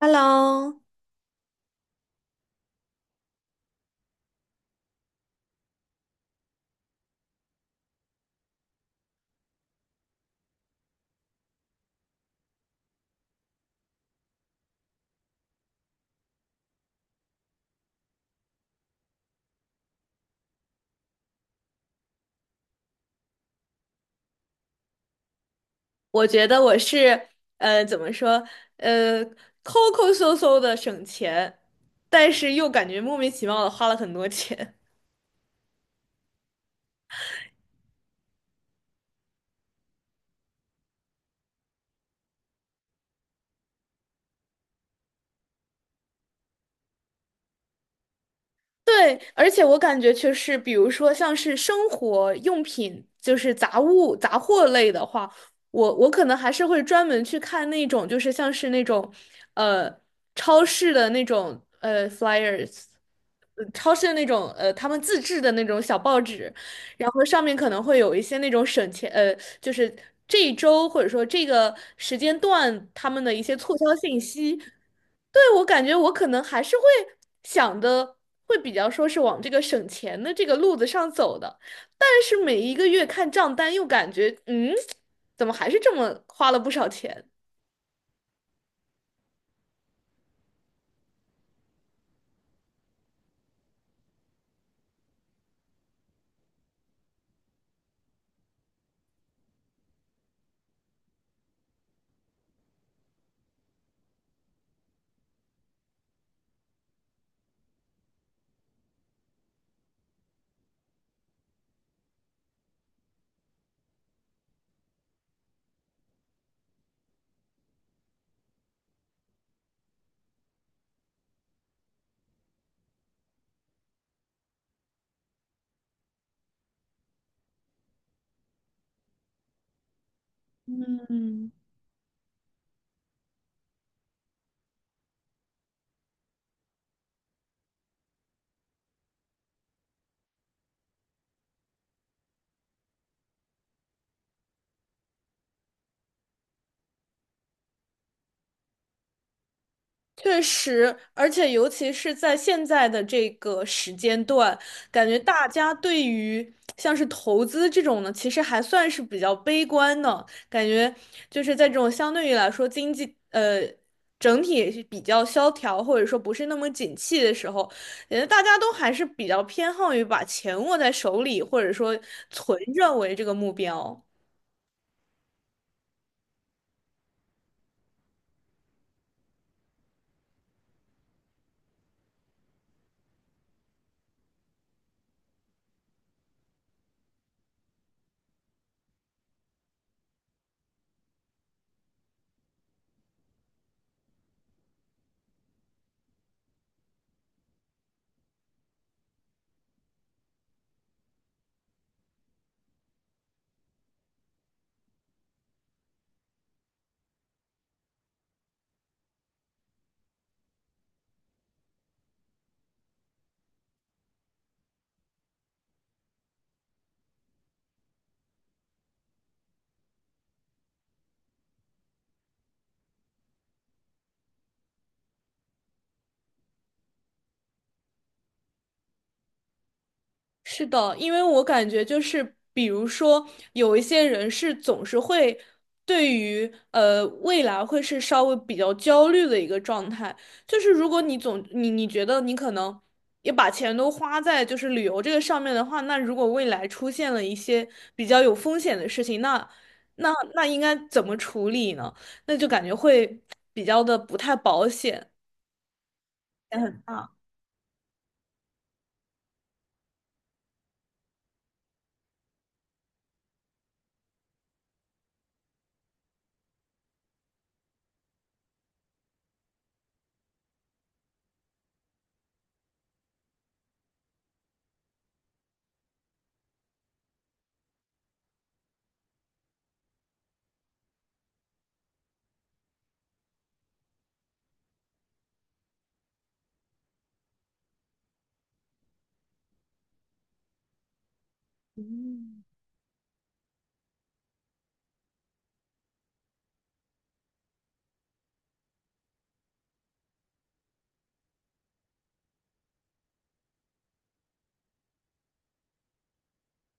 Hello，我觉得我是呃，怎么说呃，抠抠搜搜的省钱，但是又感觉莫名其妙的花了很多钱。对，而且我感觉就是，比如说像是生活用品，就是杂物、杂货类的话，我可能还是会专门去看那种，就是像是那种，呃，超市的那种flyers，呃超市的那种他们自制的那种小报纸。然后上面可能会有一些那种省钱，就是这一周或者说这个时间段他们的一些促销信息。对，我感觉我可能还是会想的会比较说是往这个省钱的这个路子上走的，但是每一个月看账单又感觉，嗯，怎么还是这么花了不少钱？嗯。确实，而且尤其是在现在的这个时间段，感觉大家对于像是投资这种呢，其实还算是比较悲观的。感觉就是在这种相对于来说经济整体也是比较萧条，或者说不是那么景气的时候，感觉大家都还是比较偏好于把钱握在手里，或者说存着为这个目标。是的，因为我感觉就是，比如说有一些人是总是会对于未来会是稍微比较焦虑的一个状态，就是如果你总你你觉得你可能也把钱都花在就是旅游这个上面的话，那如果未来出现了一些比较有风险的事情，那应该怎么处理呢？那就感觉会比较的不太保险，也很大。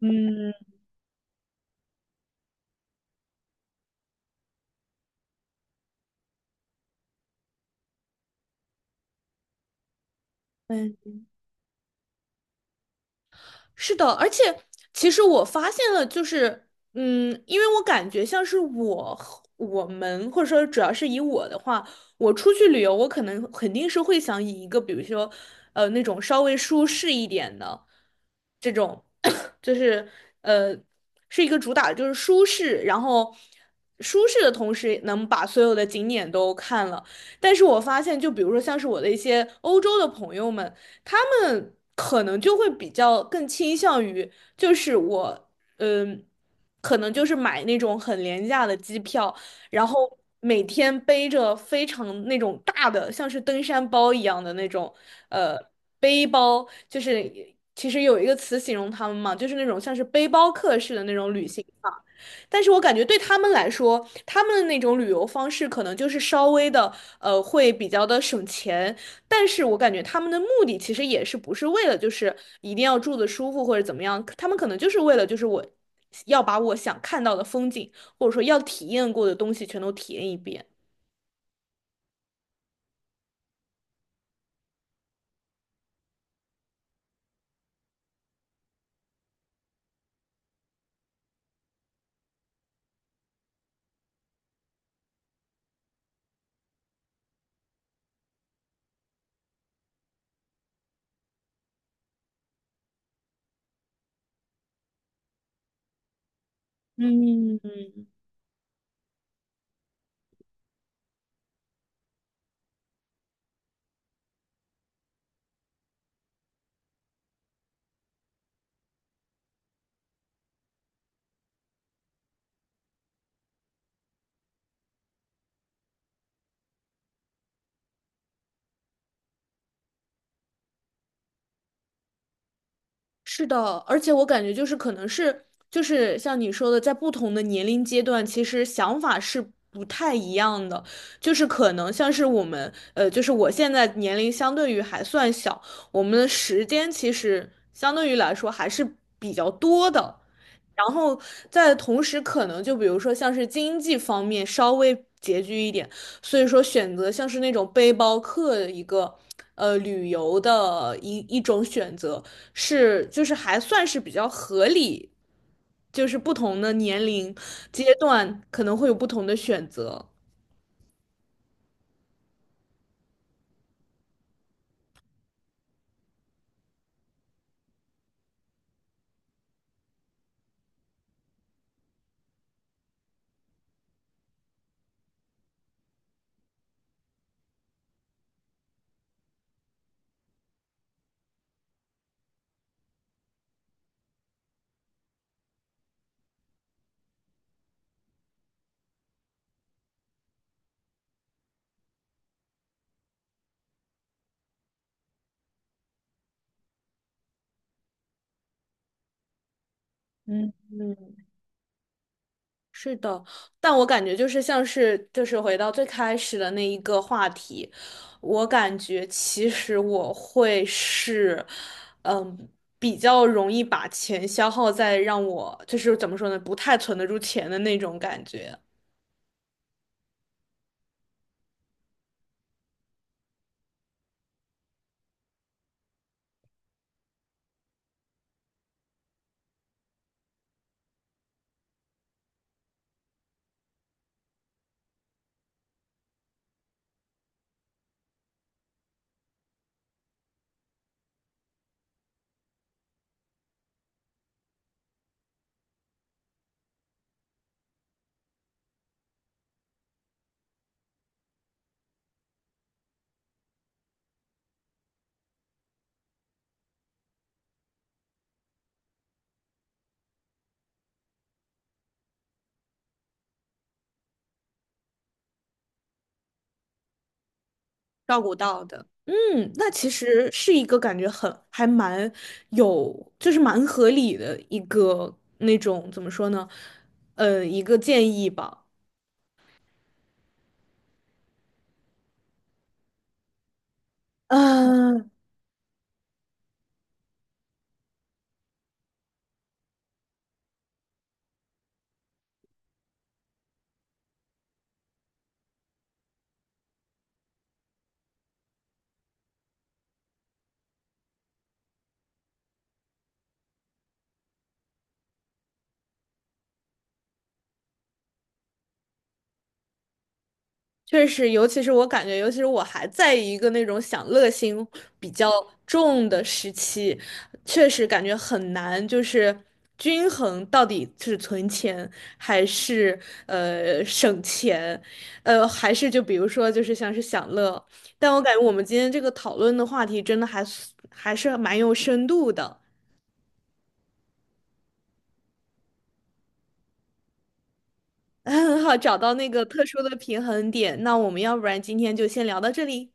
嗯。但是的，而且其实我发现了，就是嗯，因为我感觉像是我和我们，或者说主要是以我的话，我出去旅游，我可能肯定是会想以一个比如说那种稍微舒适一点的这种，就是呃是一个主打就是舒适，然后舒适的同时能把所有的景点都看了。但是我发现，就比如说像是我的一些欧洲的朋友们，他们可能就会比较更倾向于，就是我，嗯，可能就是买那种很廉价的机票，然后每天背着非常那种大的，像是登山包一样的那种，呃，背包，就是其实有一个词形容他们嘛，就是那种像是背包客式的那种旅行法。但是我感觉对他们来说，他们的那种旅游方式可能就是稍微的，会比较的省钱，但是我感觉他们的目的其实也是不是为了就是一定要住的舒服或者怎么样，他们可能就是为了就是我要把我想看到的风景，或者说要体验过的东西全都体验一遍。嗯嗯，是的，而且我感觉就是可能是就是像你说的，在不同的年龄阶段，其实想法是不太一样的。就是可能像是我们，呃，就是我现在年龄相对于还算小，我们的时间其实相对于来说还是比较多的。然后在同时，可能就比如说像是经济方面稍微拮据一点，所以说选择像是那种背包客的一个旅游的一种选择。是就是还算是比较合理，就是不同的年龄阶段可能会有不同的选择。嗯嗯，是的，但我感觉就是像是就是回到最开始的那一个话题，我感觉其实我会是，嗯，比较容易把钱消耗在让我就是怎么说呢，不太存得住钱的那种感觉。照顾到的。嗯，那其实是一个感觉很还蛮有，就是蛮合理的一个那种怎么说呢？一个建议吧。嗯，确实，尤其是我感觉，尤其是我还在一个那种享乐心比较重的时期，确实感觉很难，就是均衡到底是存钱还是省钱，还是就比如说就是像是享乐，但我感觉我们今天这个讨论的话题真的还是蛮有深度的，很好，找到那个特殊的平衡点。那我们要不然今天就先聊到这里，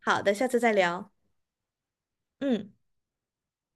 好的，下次再聊，嗯。